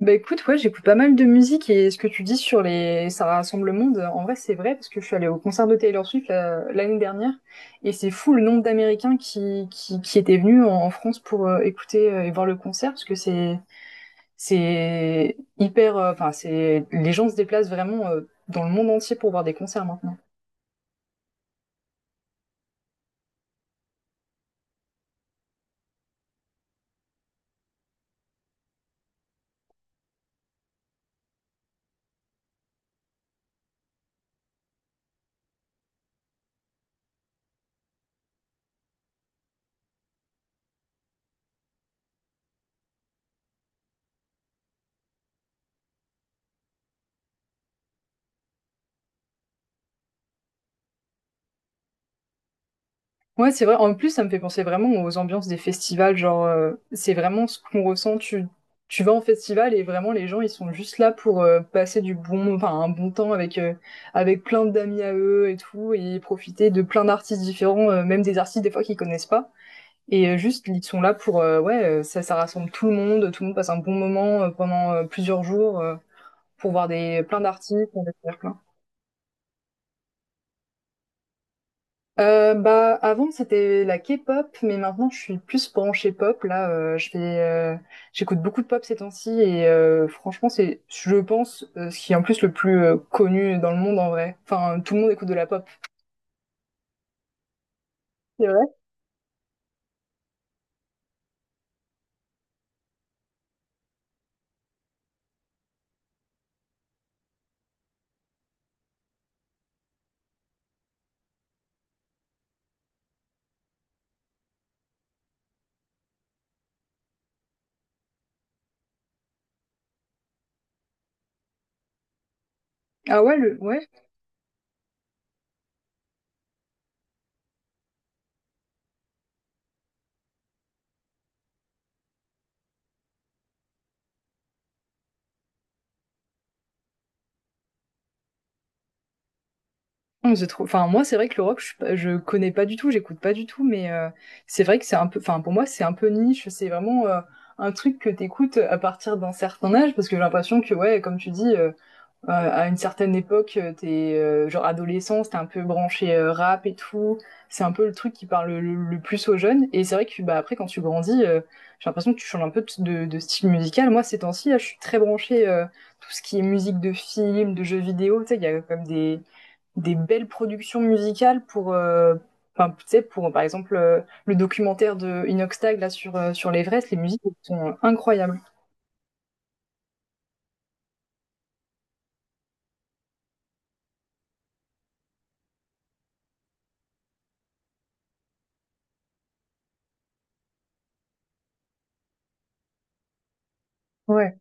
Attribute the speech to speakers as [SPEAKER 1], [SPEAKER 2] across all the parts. [SPEAKER 1] Bah écoute, ouais, j'écoute pas mal de musique. Et ce que tu dis sur les ça rassemble le monde, en vrai c'est vrai parce que je suis allée au concert de Taylor Swift l'année dernière, et c'est fou le nombre d'Américains qui étaient venus en France pour écouter et voir le concert, parce que c'est hyper enfin c'est les gens se déplacent vraiment dans le monde entier pour voir des concerts maintenant. Ouais, c'est vrai. En plus, ça me fait penser vraiment aux ambiances des festivals. C'est vraiment ce qu'on ressent. Tu vas en festival et vraiment, les gens, ils sont juste là pour passer du un bon temps avec plein d'amis à eux et tout, et profiter de plein d'artistes différents, même des artistes des fois qu'ils connaissent pas. Et ils sont là pour, ça rassemble tout le monde. Tout le monde passe un bon moment pendant plusieurs jours pour voir des, plein d'artistes, pour découvrir plein. Bah avant c'était la K-pop, mais maintenant je suis plus branchée pop là. Je fais J'écoute beaucoup de pop ces temps-ci, et franchement c'est je pense ce qui est en plus le plus connu dans le monde en vrai, enfin tout le monde écoute de la pop. C'est vrai? Ah ouais, le, ouais. Je trouve, enfin moi c'est vrai que le rock, je connais pas du tout, j'écoute pas du tout, mais c'est vrai que c'est un peu, enfin pour moi c'est un peu niche, c'est vraiment un truc que t'écoutes à partir d'un certain âge, parce que j'ai l'impression que ouais, comme tu dis. À une certaine époque, t'es genre adolescent, t'es un peu branché rap et tout. C'est un peu le truc qui parle le plus aux jeunes. Et c'est vrai que bah après quand tu grandis, j'ai l'impression que tu changes un peu de style musical. Moi ces temps-ci, là, je suis très branchée tout ce qui est musique de film, de jeux vidéo. Tu sais, il y a comme des belles productions musicales pour enfin, tu sais, pour par exemple le documentaire de Inoxtag là sur sur l'Everest, les musiques elles sont incroyables. Ouais.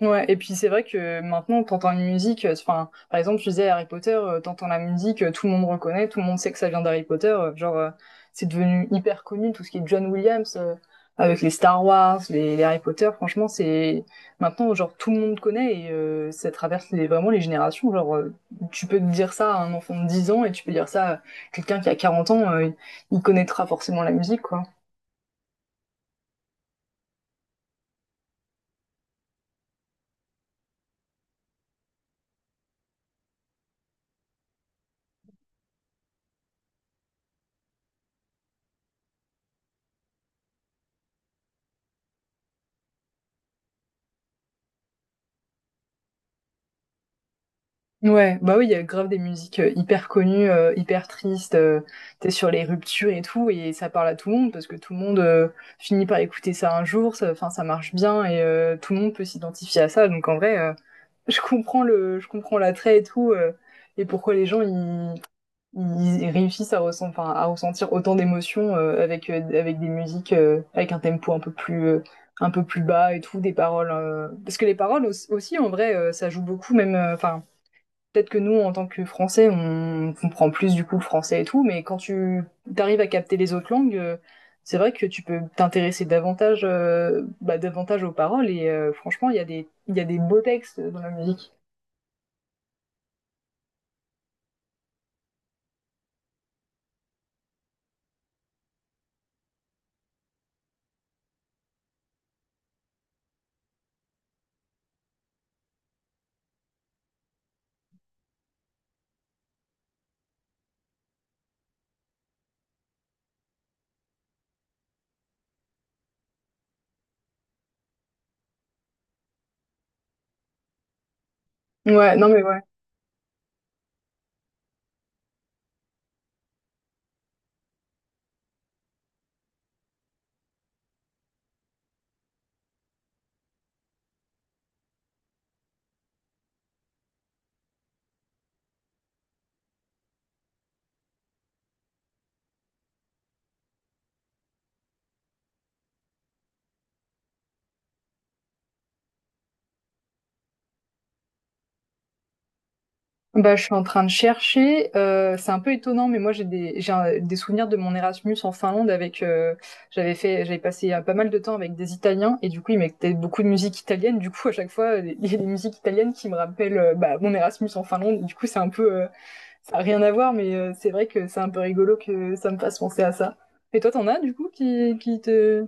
[SPEAKER 1] Ouais, et puis c'est vrai que maintenant, t'entends une musique, par exemple, tu disais Harry Potter, t'entends la musique, tout le monde reconnaît, tout le monde sait que ça vient d'Harry Potter, c'est devenu hyper connu, tout ce qui est John Williams, avec les Star Wars, les Harry Potter, franchement, c'est, maintenant, genre, tout le monde connaît. Et ça traverse les, vraiment les générations, tu peux dire ça à un enfant de 10 ans et tu peux dire ça à quelqu'un qui a 40 ans, il connaîtra forcément la musique, quoi. Ouais, bah oui, il y a grave des musiques, hyper connues, hyper tristes, tu sur les ruptures et tout, et ça parle à tout le monde parce que tout le monde, finit par écouter ça un jour, ça marche bien et tout le monde peut s'identifier à ça, donc en vrai, je comprends l'attrait et tout, et pourquoi les gens ils réussissent à ressentir autant d'émotions, avec des musiques, avec un tempo un peu plus bas et tout, des paroles, parce que les paroles aussi en vrai, ça joue beaucoup, même, peut-être que nous, en tant que Français, on comprend plus du coup le français et tout, mais quand tu arrives à capter les autres langues, c'est vrai que tu peux t'intéresser davantage, davantage aux paroles. Et franchement, il y a des beaux textes dans la musique. Ouais, non mais ouais. Bah, je suis en train de chercher. C'est un peu étonnant, mais moi j'ai des, j'ai un- des souvenirs de mon Erasmus en Finlande avec. J'avais passé pas mal de temps avec des Italiens, et du coup ils mettaient beaucoup de musique italienne. Du coup à chaque fois il y a des musiques italiennes qui me rappellent mon Erasmus en Finlande. Du coup c'est un peu, ça a rien à voir, mais c'est vrai que c'est un peu rigolo que ça me fasse penser à ça. Et toi t'en as du coup qui te.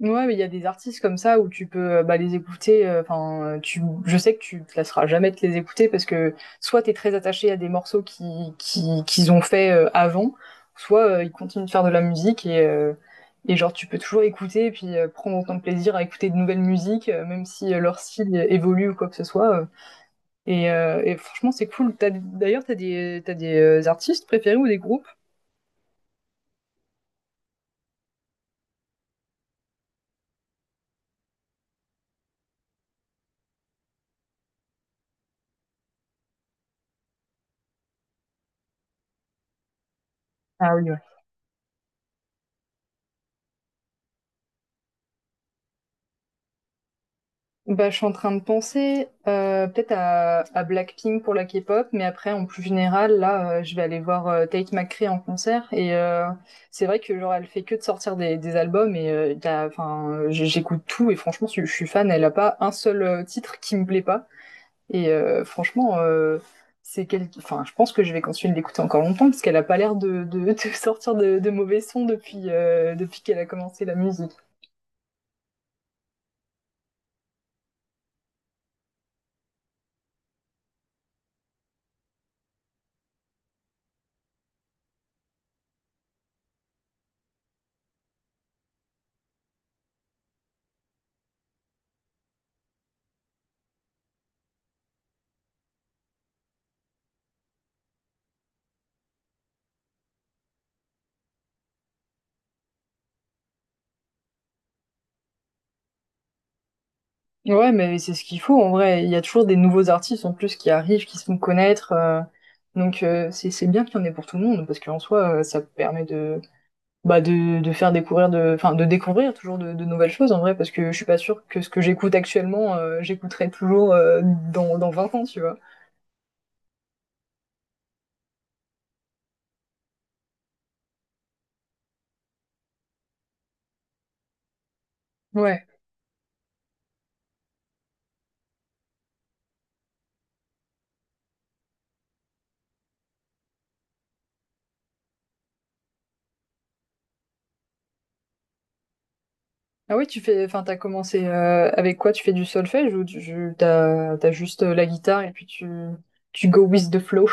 [SPEAKER 1] Ouais, mais il y a des artistes comme ça où tu peux, les écouter, tu je sais que tu te lasseras jamais de les écouter, parce que soit t'es très attaché à des morceaux qui qu'ils ont fait, avant, soit ils continuent de faire de la musique, et genre tu peux toujours écouter, et puis, prendre autant de plaisir à écouter de nouvelles musiques, même si leur style évolue ou quoi que ce soit, et franchement c'est cool. T'as d'ailleurs t'as des artistes préférés ou des groupes? Ah oui, ouais. Bah, je suis en train de penser peut-être à Blackpink pour la K-pop, mais après en plus général, là, je vais aller voir Tate McRae en concert. Et c'est vrai que genre elle fait que de sortir des albums. Et y a- enfin j- j'écoute tout et franchement je suis fan. Elle a pas un seul titre qui me plaît pas. Et franchement c'est quel... enfin je pense que je vais continuer de l'écouter encore longtemps, parce qu'elle a pas l'air de sortir de mauvais sons depuis depuis qu'elle a commencé la musique. Ouais, mais c'est ce qu'il faut en vrai. Il y a toujours des nouveaux artistes en plus qui arrivent, qui se font connaître. Donc c'est bien qu'il y en ait pour tout le monde, parce qu'en soi, ça permet de de faire découvrir de, enfin de découvrir toujours de nouvelles choses en vrai, parce que je suis pas sûre que ce que j'écoute actuellement, j'écouterai toujours dans 20 ans, tu vois. Ouais. Ah oui, tu fais, enfin t'as commencé avec quoi? Tu fais du solfège, ou t'as juste la guitare et puis tu tu go with the flow?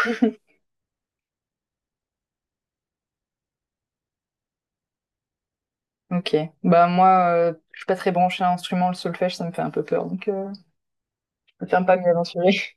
[SPEAKER 1] Ok. Bah moi, je suis pas très branchée à l'instrument, le solfège, ça me fait un peu peur, donc je préfère pas m'y aventurer.